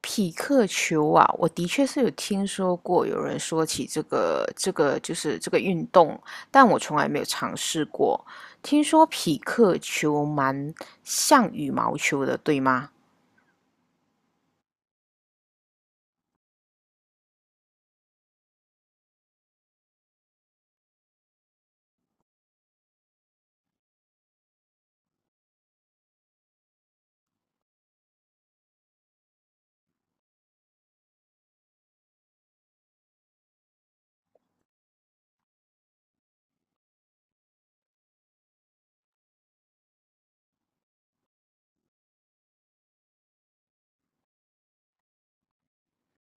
匹克球啊，我的确是有听说过有人说起这个就是这个运动，但我从来没有尝试过。听说匹克球蛮像羽毛球的，对吗？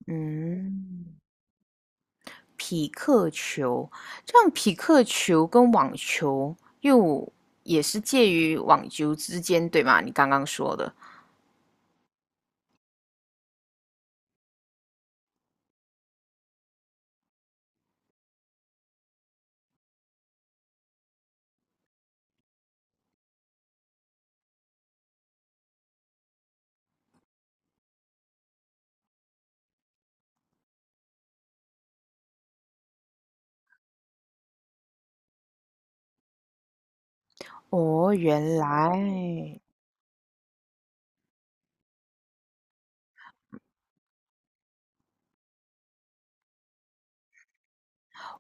嗯，匹克球，这样匹克球跟网球也是介于网球之间，对吗？你刚刚说的。哦，原来，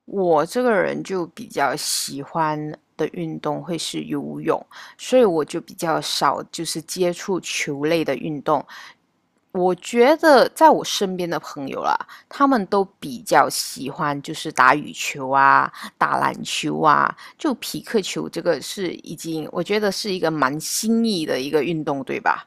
我这个人就比较喜欢的运动会是游泳，所以我就比较少就是接触球类的运动。我觉得在我身边的朋友啦，他们都比较喜欢就是打羽球啊、打篮球啊，就匹克球这个是已经我觉得是一个蛮新意的一个运动，对吧？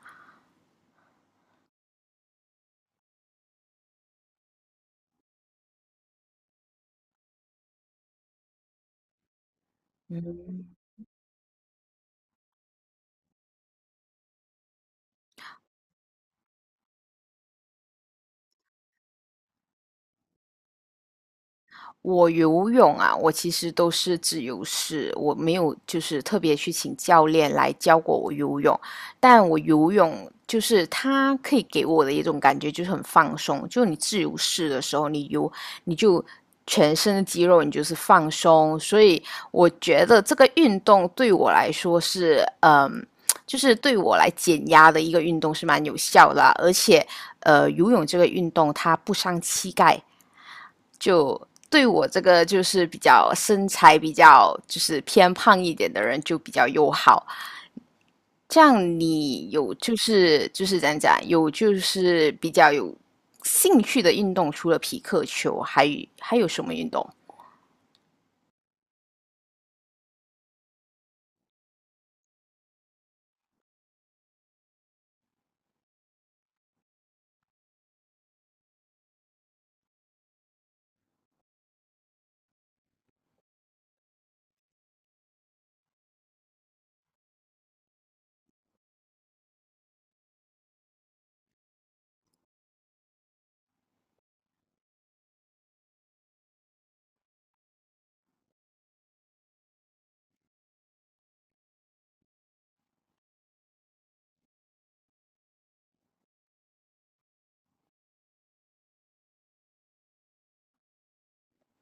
我游泳啊，我其实都是自由式，我没有就是特别去请教练来教过我游泳，但我游泳就是它可以给我的一种感觉就是很放松，就你自由式的时候，你就全身的肌肉你就是放松，所以我觉得这个运动对我来说是嗯。就是对我来减压的一个运动是蛮有效的啊，而且，游泳这个运动它不伤膝盖，就对我这个就是比较身材比较就是偏胖一点的人就比较友好。这样你有就是怎样讲，有就是比较有兴趣的运动，除了匹克球，还有什么运动？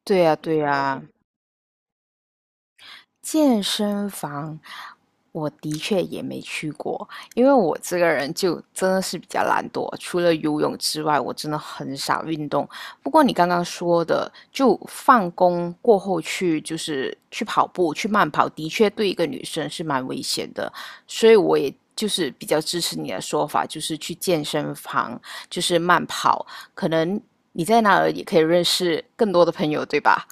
对呀，对呀，健身房，我的确也没去过，因为我这个人就真的是比较懒惰，除了游泳之外，我真的很少运动。不过你刚刚说的，就放工过后去，就是去跑步、去慢跑，的确对一个女生是蛮危险的，所以我也就是比较支持你的说法，就是去健身房，就是慢跑，可能你在那儿也可以认识更多的朋友，对吧？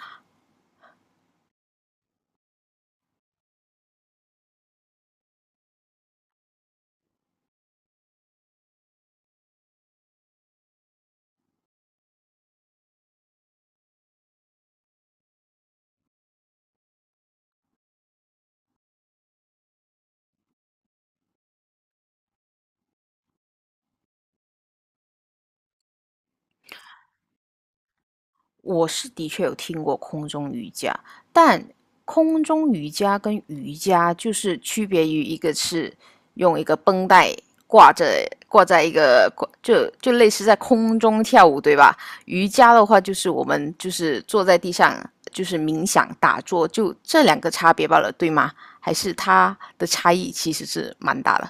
我是的确有听过空中瑜伽，但空中瑜伽跟瑜伽就是区别于一个是用一个绷带挂着挂在一个就类似在空中跳舞，对吧？瑜伽的话就是我们就是坐在地上就是冥想打坐，就这两个差别罢了，对吗？还是它的差异其实是蛮大的。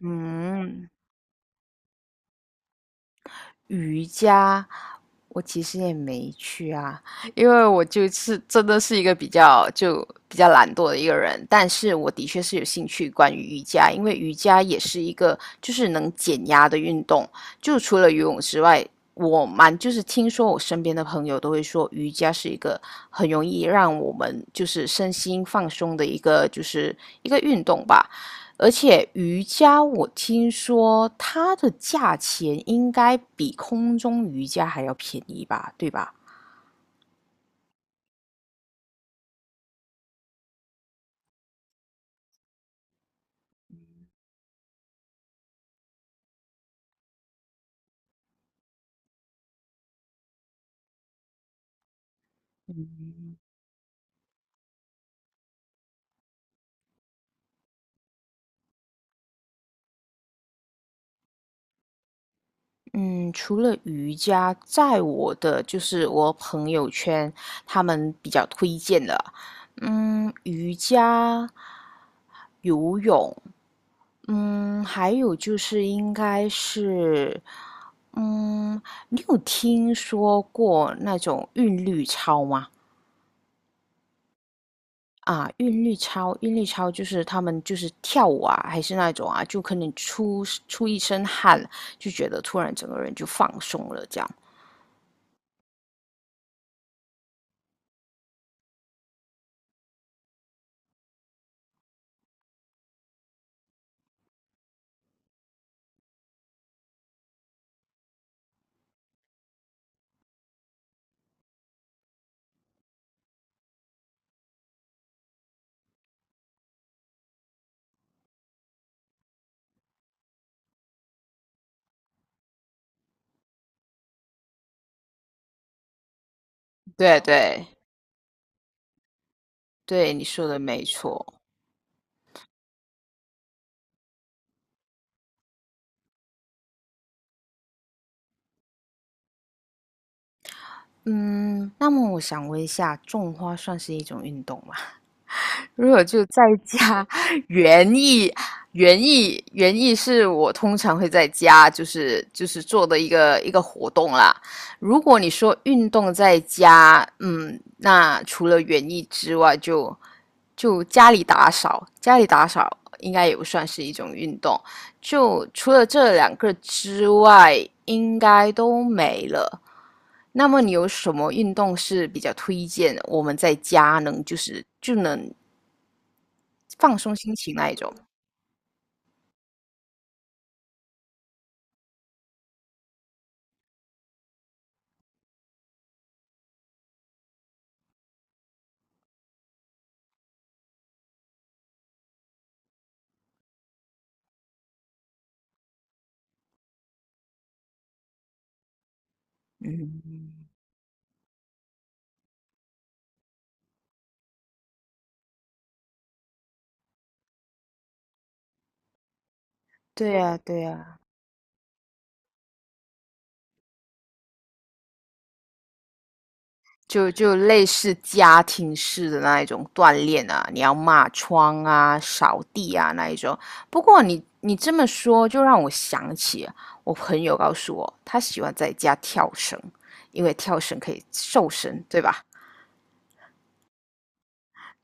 嗯，瑜伽，我其实也没去啊，因为我就是真的是一个比较懒惰的一个人，但是我的确是有兴趣关于瑜伽，因为瑜伽也是一个就是能减压的运动，就除了游泳之外，我蛮就是听说我身边的朋友都会说瑜伽是一个很容易让我们就是身心放松的一个就是一个运动吧，而且瑜伽，我听说它的价钱应该比空中瑜伽还要便宜吧，对吧？嗯，除了瑜伽，在我的就是我朋友圈，他们比较推荐的，嗯，瑜伽、游泳，嗯，还有就是应该是，嗯，你有听说过那种韵律操吗？啊，韵律操，韵律操就是他们就是跳舞啊，还是那种啊，就可能出一身汗，就觉得突然整个人就放松了，这样。对对对，你说的没错。嗯，那么我想问一下，种花算是一种运动吗？如果就在家，园艺，园艺，园艺是我通常会在家，就是就是做的一个活动啦。如果你说运动在家，嗯，那除了园艺之外就，就家里打扫应该也不算是一种运动。就除了这两个之外，应该都没了。那么你有什么运动是比较推荐我们在家能就能放松心情那一种，对呀，对呀，就就类似家庭式的那一种锻炼啊，你要抹窗啊、扫地啊那一种。不过你这么说，就让我想起我朋友告诉我，他喜欢在家跳绳，因为跳绳可以瘦身，对吧？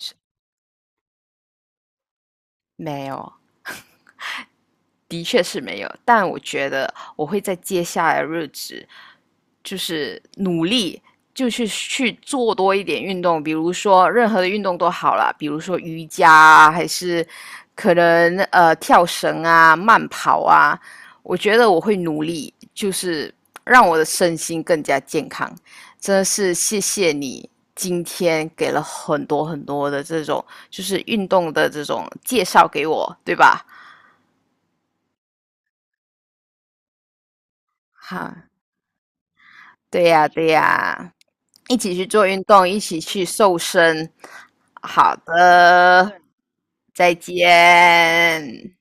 是没有，的确是没有，但我觉得我会在接下来的日子，就是努力，就是去做多一点运动，比如说任何的运动都好啦，比如说瑜伽啊，还是可能跳绳啊、慢跑啊，我觉得我会努力，就是让我的身心更加健康。真的是谢谢你今天给了很多的这种就是运动的这种介绍给我，对吧？哈，对呀，对呀，一起去做运动，一起去瘦身。好的，再见。